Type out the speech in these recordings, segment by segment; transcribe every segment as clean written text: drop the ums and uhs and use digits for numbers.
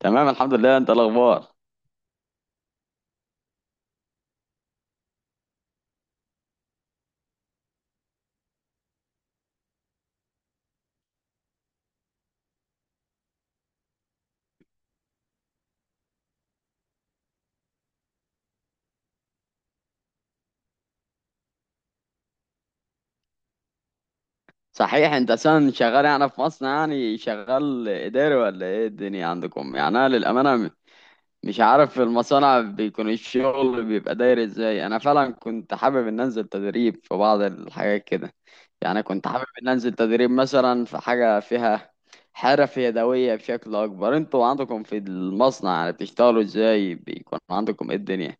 تمام الحمد لله، انت الاخبار؟ صحيح انت اصلا شغال يعني في مصر؟ يعني شغال اداري ولا ايه الدنيا عندكم؟ يعني انا للامانه مش عارف في المصانع بيكون الشغل بيبقى داير ازاي. انا فعلا كنت حابب ان انزل تدريب في بعض الحاجات كده. يعني كنت حابب ان انزل تدريب مثلا في حاجه فيها حرف يدويه بشكل اكبر. انتوا عندكم في المصنع يعني بتشتغلوا ازاي؟ بيكون عندكم ايه الدنيا؟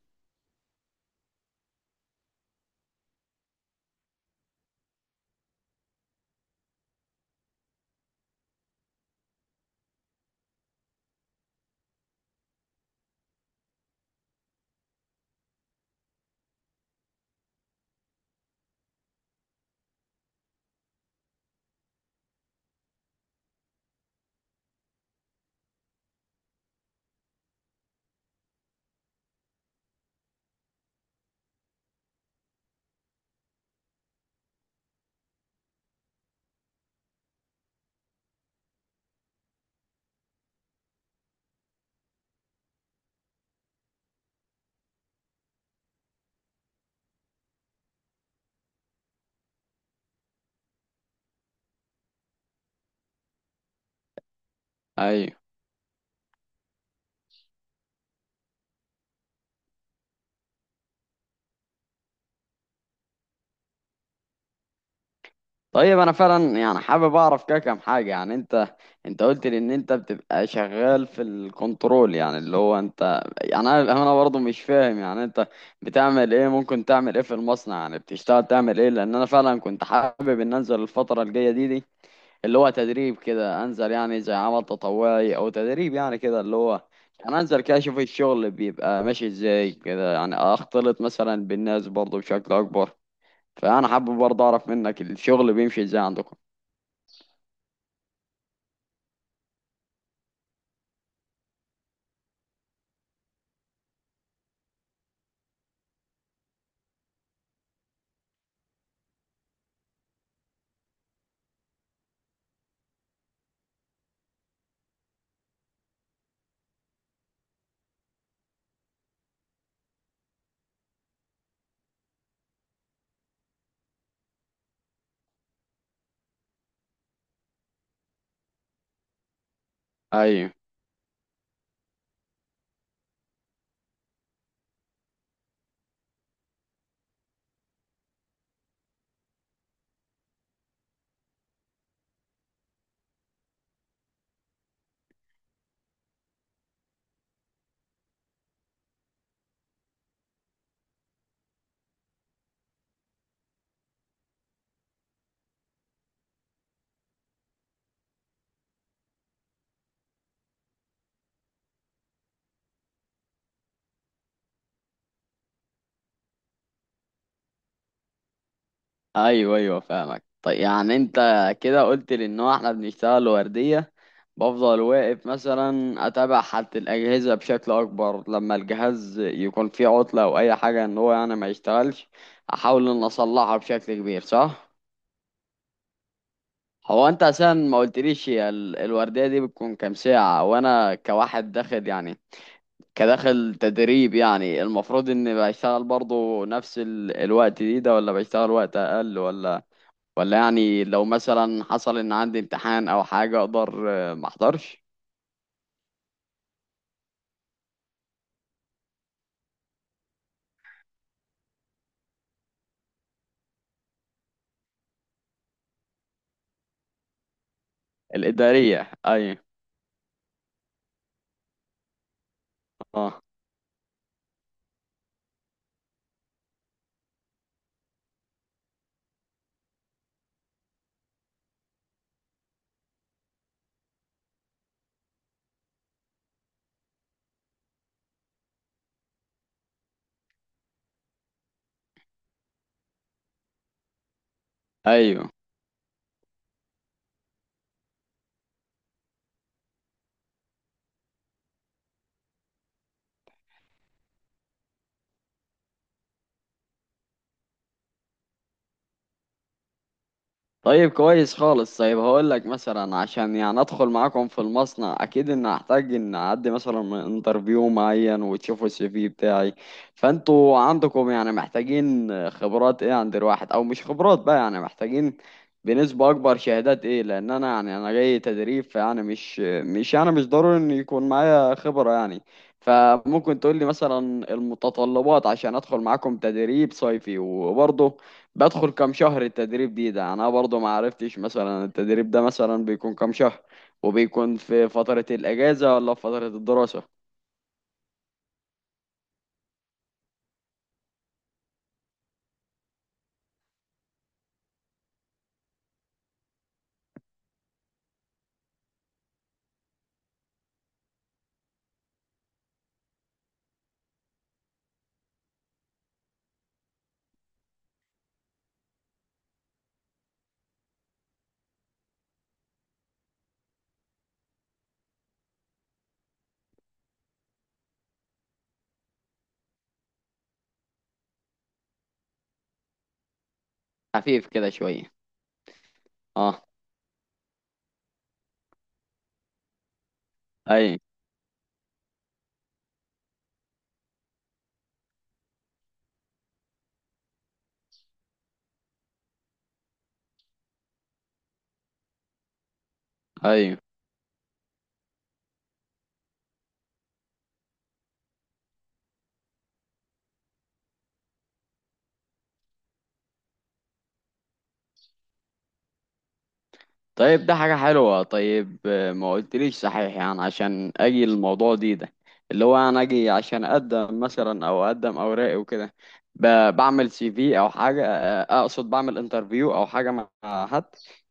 ايوه. طيب انا فعلا يعني حابب اعرف كده كام حاجه. يعني انت انت قلت لي ان انت بتبقى شغال في الكنترول، يعني اللي هو انت، يعني انا برضه مش فاهم يعني انت بتعمل ايه، ممكن تعمل ايه في المصنع، يعني بتشتغل تعمل ايه. لان انا فعلا كنت حابب ان انزل الفتره الجايه دي اللي هو تدريب كده، انزل يعني زي عمل تطوعي او تدريب يعني كده اللي هو، يعني انزل كده اشوف الشغل بيبقى ماشي ازاي كده، يعني اختلط مثلا بالناس برضه بشكل اكبر. فانا حابب برضه اعرف منك الشغل بيمشي ازاي عندكم. ايوه. ايوه، ايوه فاهمك. طيب يعني انت كده قلت لي ان هو احنا بنشتغل ورديه، بفضل واقف مثلا اتابع حالة الاجهزه بشكل اكبر، لما الجهاز يكون فيه عطله او اي حاجه ان هو يعني ما يشتغلش احاول ان اصلحها بشكل كبير، صح؟ هو انت عشان ما قلتليش، هي الورديه دي بتكون كام ساعه، وانا كواحد داخل يعني كداخل تدريب، يعني المفروض اني بشتغل برضه نفس الوقت ده ولا بشتغل وقت اقل، ولا ولا يعني لو مثلا حصل ان عندي امتحان او حاجة اقدر ما احضرش. الإدارية، ايوه. اه، ايوه. طيب كويس خالص. طيب هقول لك مثلا، عشان يعني ادخل معاكم في المصنع اكيد ان هحتاج ان اعدي مثلا انترفيو معين وتشوفوا السي في بتاعي. فانتوا عندكم يعني محتاجين خبرات ايه عند الواحد، او مش خبرات بقى، يعني محتاجين بنسبة اكبر شهادات ايه؟ لان انا يعني انا جاي تدريب، فيعني مش يعني مش ضروري ان يكون معايا خبرة يعني. فممكن تقول لي مثلا المتطلبات عشان ادخل معاكم تدريب صيفي. وبرضه بدخل كام شهر التدريب ده؟ انا برضو ما عرفتش مثلا التدريب ده مثلا بيكون كام شهر، وبيكون في فترة الاجازة ولا في فترة الدراسة. خفيف كده شوية. اه. اي. اي. طيب ده حاجة حلوة. طيب ما قلتليش صحيح، يعني عشان اجي الموضوع ده اللي هو انا اجي عشان اقدم مثلا او اقدم اوراقي وكده، بعمل سي في او حاجة، اقصد بعمل انترفيو او حاجة مع حد.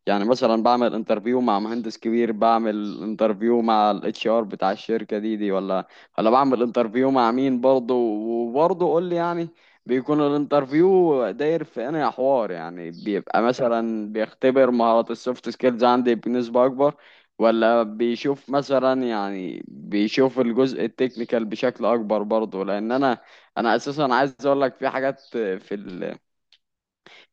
يعني مثلا بعمل انترفيو مع مهندس كبير، بعمل انترفيو مع الاتش ار بتاع الشركة دي ولا ولا بعمل انترفيو مع مين برضه؟ وبرضه قول لي يعني بيكون الانترفيو داير في انا حوار، يعني بيبقى مثلا بيختبر مهارات السوفت سكيلز عندي بنسبة اكبر، ولا بيشوف مثلا، يعني بيشوف الجزء التكنيكال بشكل اكبر برضه. لان انا اساسا عايز اقول لك في حاجات في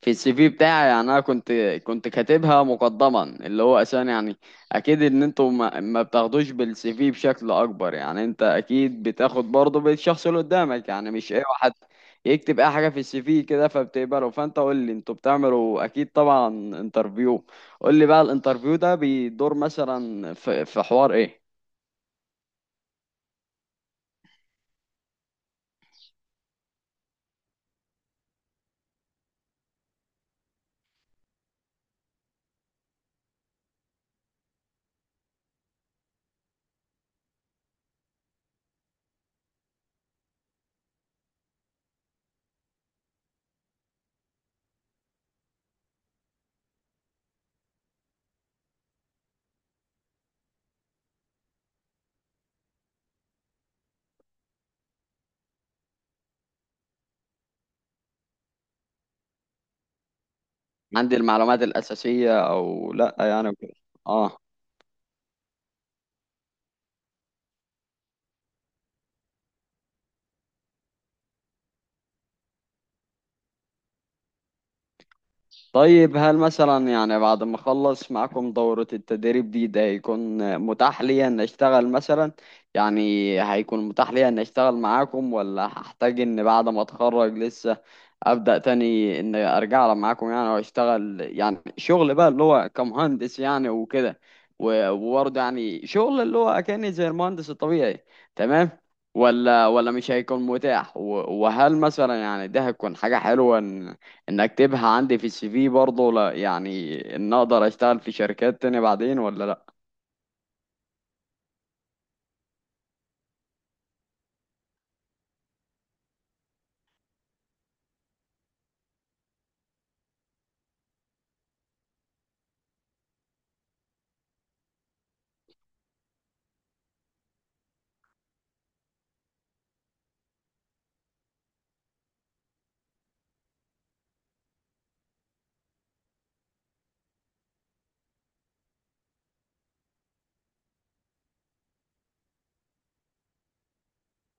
في السي في بتاعي. يعني انا كنت كاتبها مقدما اللي هو اساسا يعني اكيد ان انتوا ما بتاخدوش بالسي في بشكل اكبر، يعني انت اكيد بتاخد برضه بالشخص اللي قدامك، يعني مش اي واحد يكتب اي حاجه في السي في كده فبتقبله. فانت قول لي انتوا بتعملوا اكيد طبعا انترفيو، قول لي بقى الانترفيو ده بيدور مثلا في حوار ايه؟ عندي المعلومات الاساسيه او لا يعني وكده. آه. طيب هل مثلا يعني بعد ما اخلص معاكم دورة التدريب ده هيكون متاح ليا ان اشتغل مثلا، يعني هيكون متاح ليا ان اشتغل معاكم، ولا هحتاج ان بعد ما اتخرج لسه ابدأ تاني ان ارجع معاكم يعني واشتغل يعني شغل بقى اللي هو كمهندس يعني وكده، وبرضه يعني شغل اللي هو اكاني زي المهندس الطبيعي تمام، ولا ولا مش هيكون متاح؟ وهل مثلا يعني ده هتكون حاجة حلوة ان اكتبها عندي في السي في برضه، لا يعني ان اقدر اشتغل في شركات تاني بعدين ولا لا؟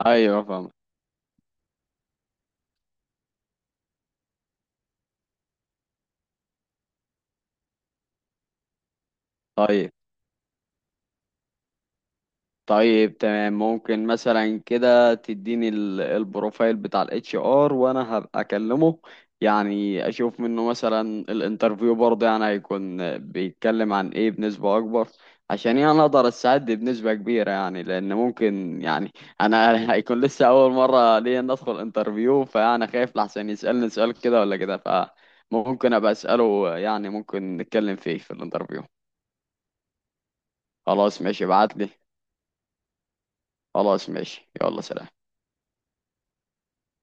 ايوه، فاهم. طيب. طيب تمام، ممكن مثلا كده تديني البروفايل بتاع الاتش ار وانا هبقى اكلمه، يعني اشوف منه مثلا الانترفيو برضه يعني هيكون بيتكلم عن ايه بنسبة اكبر، عشان يعني اقدر اساعد بنسبة كبيرة. يعني لان ممكن يعني انا هيكون لسه اول مرة ليا إن ادخل انترفيو، فانا خايف لحسن يسألني سؤال كده ولا كده، فممكن ابقى اسأله، يعني ممكن نتكلم فيه في الانترفيو. خلاص ماشي، ابعت لي. خلاص ماشي، يلا سلام.